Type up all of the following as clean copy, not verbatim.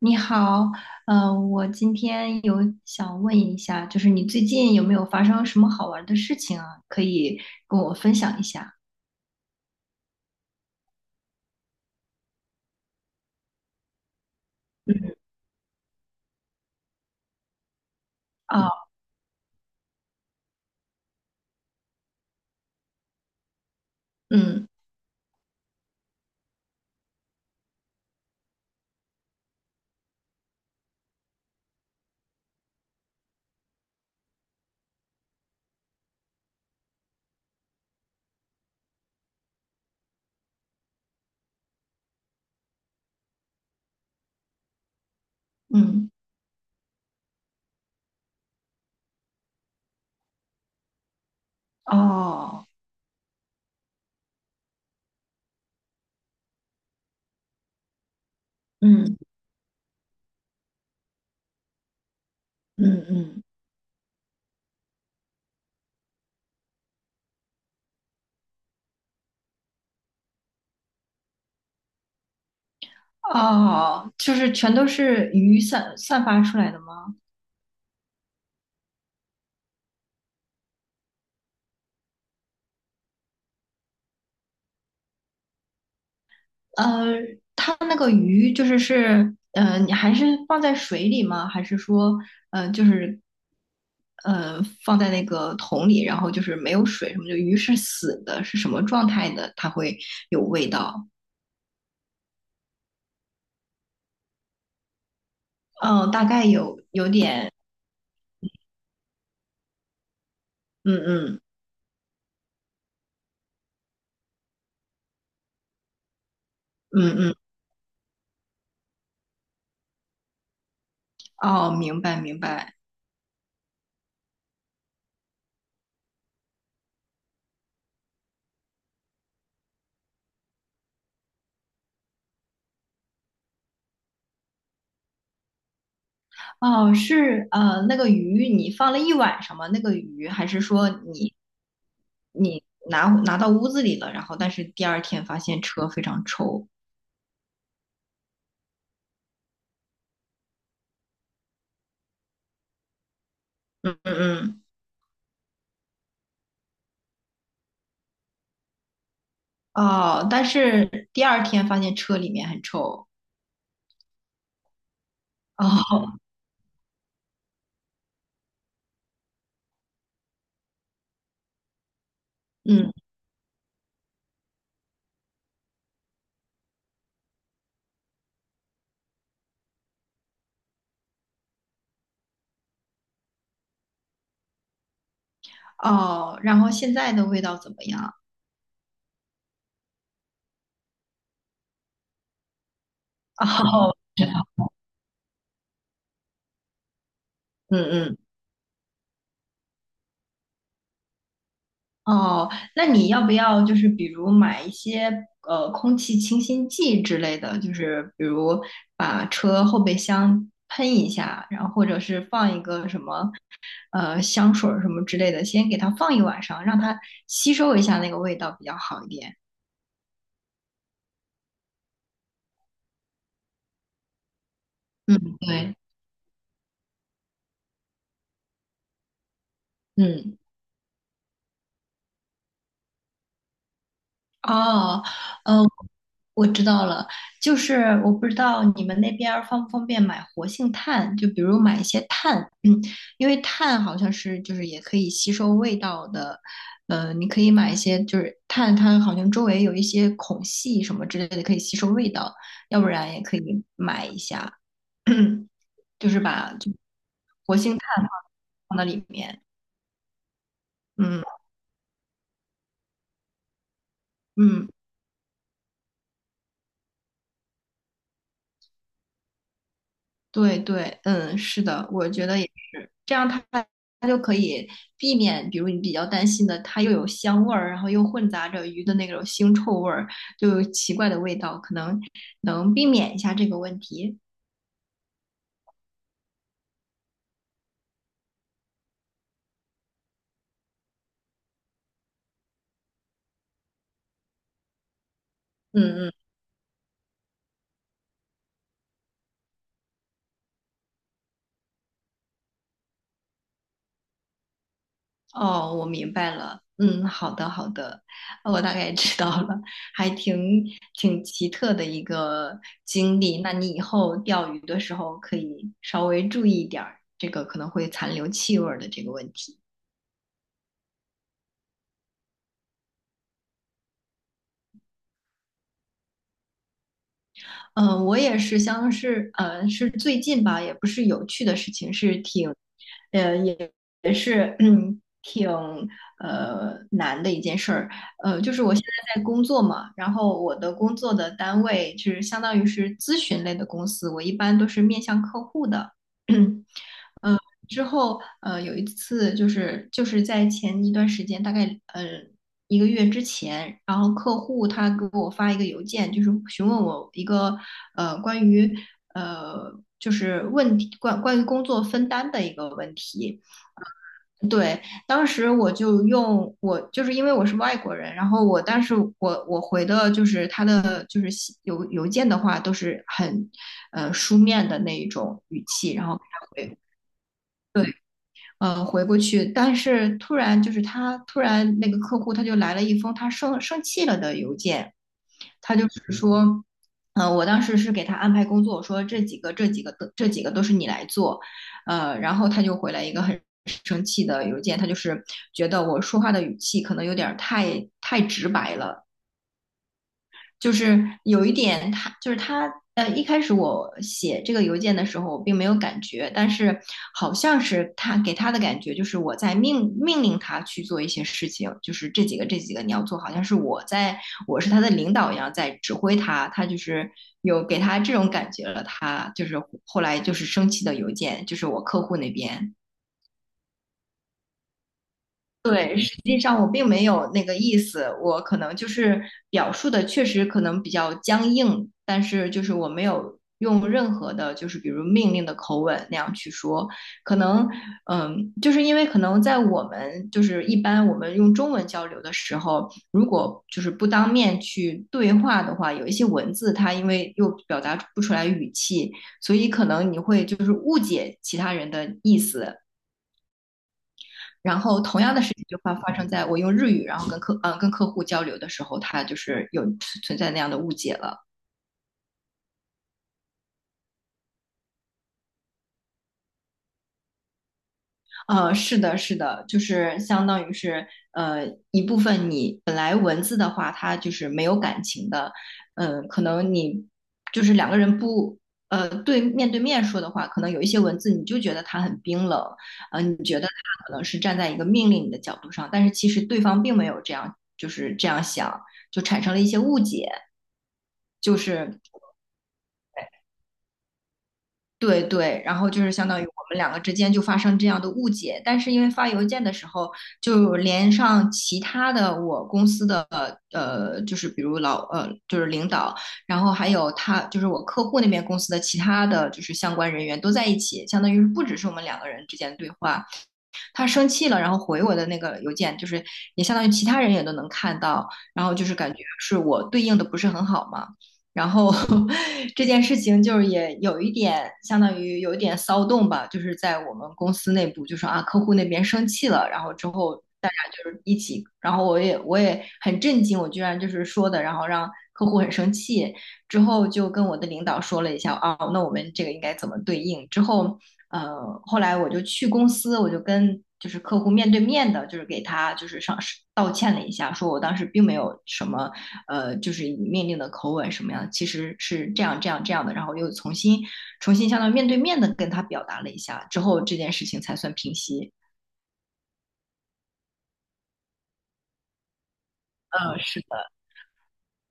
你好，我今天有想问一下，就是你最近有没有发生什么好玩的事情啊？可以跟我分享一下。嗯。哦。嗯嗯。哦。嗯嗯嗯。哦，就是全都是鱼散发出来的吗？呃，它那个鱼就是，你还是放在水里吗？还是说，呃，就是呃放在那个桶里，然后就是没有水什么的，鱼是死的，是什么状态的？它会有味道？嗯，大概有点。嗯嗯嗯嗯，哦，明白明白。哦，是那个鱼你放了一晚上吗？那个鱼还是说你拿到屋子里了，然后但是第二天发现车非常臭？嗯嗯。嗯哦，但是第二天发现车里面很臭。哦。嗯。哦，然后现在的味道怎么样？哦，知道。嗯嗯。哦，那你要不要就是比如买一些空气清新剂之类的，就是比如把车后备箱喷一下，然后或者是放一个什么香水儿什么之类的，先给它放一晚上，让它吸收一下那个味道比较好一点。嗯，对。嗯。哦。嗯，我知道了，就是我不知道你们那边儿方不方便买活性炭，就比如买一些炭。嗯，因为炭好像是就是也可以吸收味道的，你可以买一些就是炭，它好像周围有一些孔隙什么之类的可以吸收味道，要不然也可以买一下。就是把活性炭放到里面。嗯嗯。对对，嗯，是的，我觉得也是，这样它就可以避免，比如你比较担心的，它又有香味儿，然后又混杂着鱼的那种腥臭味儿，就有奇怪的味道，可能能避免一下这个问题。嗯嗯。哦，我明白了。嗯，好的好的，我大概知道了，还挺奇特的一个经历。那你以后钓鱼的时候可以稍微注意一点儿，这个可能会残留气味儿的这个问题。嗯，我也是，像是是最近吧，也不是有趣的事情，是挺，也也是嗯 挺难的一件事儿。就是我现在在工作嘛，然后我的工作的单位就是相当于是咨询类的公司，我一般都是面向客户的。之后，有一次就是在前一段时间，大概呃一个月之前，然后客户他给我发一个邮件，就是询问我一个关于呃就是问题关于工作分担的一个问题。对，当时我就用我就是因为我是外国人，然后我但是我回的就是他的就是邮件的话都是很书面的那一种语气，然后给他回。对。呃，回过去，但是突然就是他突然那个客户他就来了一封他生气了的邮件，他就是说，我当时是给他安排工作，我说这几个都是你来做。然后他就回来一个很生气的邮件，他就是觉得我说话的语气可能有点儿太直白了，就是有一点他，就是他，一开始我写这个邮件的时候，我并没有感觉，但是好像是他给他的感觉，就是我在命令他去做一些事情，就是这几个你要做，好像是我是他的领导一样在指挥他，他就是有给他这种感觉了，他就是后来就是生气的邮件，就是我客户那边。实际上我并没有那个意思，我可能就是表述的确实可能比较僵硬，但是就是我没有用任何的，就是比如命令的口吻那样去说，可能嗯，就是因为可能在我们就是一般我们用中文交流的时候，如果就是不当面去对话的话，有一些文字它因为又表达不出来语气，所以可能你会就是误解其他人的意思。然后同样的事情就发生在我用日语，然后跟客户交流的时候，他就是有存在那样的误解了。是的，是的，就是相当于是呃一部分你本来文字的话，它就是没有感情的，嗯、可能你就是两个人不对面对面说的话，可能有一些文字你就觉得它很冰冷，你觉得它可能是站在一个命令你的角度上，但是其实对方并没有这样，就是这样想，就产生了一些误解，就是。对对，然后就是相当于我们两个之间就发生这样的误解，但是因为发邮件的时候，就连上其他的我公司的就是比如就是领导，然后还有他就是我客户那边公司的其他的就是相关人员都在一起，相当于是不只是我们两个人之间的对话，他生气了，然后回我的那个邮件，就是也相当于其他人也都能看到，然后就是感觉是我对应的不是很好嘛。然后 这件事情就是也有一点相当于有一点骚动吧，就是在我们公司内部就说啊，客户那边生气了，然后之后大家就是一起，然后我也很震惊，我居然就是说的，然后让客户很生气，之后就跟我的领导说了一下啊，那我们这个应该怎么对应？之后后来我就去公司，我就跟就是客户面对面的，就是给他就是上道歉了一下，说我当时并没有什么就是以命令的口吻什么样的，其实是这样这样这样的，然后又重新相当于面对面的跟他表达了一下，之后这件事情才算平息。嗯，是。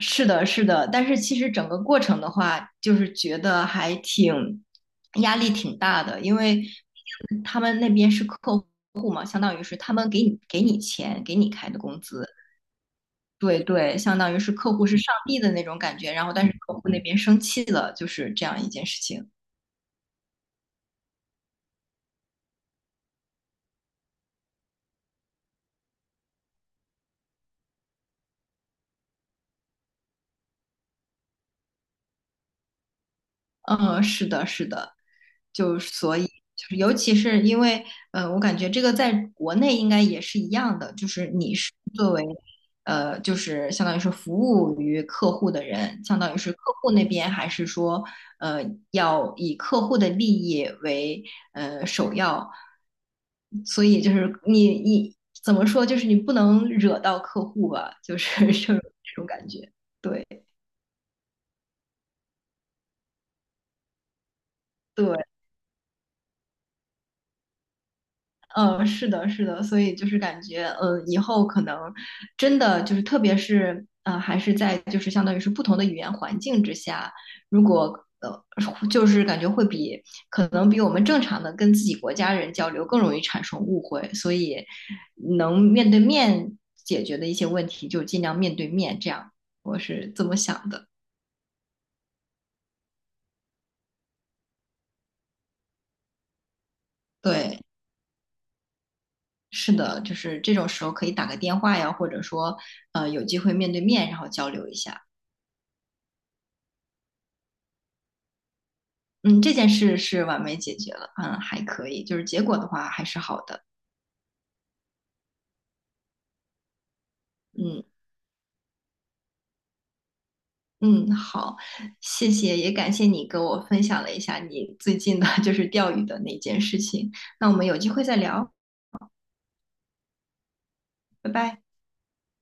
是的，是的，但是其实整个过程的话，就是觉得还挺压力挺大的，因为他们那边是客户嘛，相当于是他们给你钱，给你开的工资，对对，相当于是客户是上帝的那种感觉，然后但是客户那边生气了，就是这样一件事情。嗯，是的，是的，就所以就是尤其是因为，我感觉这个在国内应该也是一样的，就是你是。就是相当于是服务于客户的人，相当于是客户那边，还是说，呃，要以客户的利益为首要？所以就是你怎么说，就是你不能惹到客户吧，就是 就是这种感觉。对对，是的，是的，所以就是感觉，以后可能真的就是，特别是还是在就是相当于是不同的语言环境之下，如果就是感觉可能比我们正常的跟自己国家人交流更容易产生误会，所以能面对面解决的一些问题，就尽量面对面，这样我是这么想的。对，是的，就是这种时候可以打个电话呀，或者说有机会面对面，然后交流一下。嗯，这件事是完美解决了，嗯，还可以，就是结果的话还是好的，嗯嗯，好，谢谢，也感谢你给我分享了一下你最近的就是钓鱼的那件事情，那我们有机会再聊，拜拜。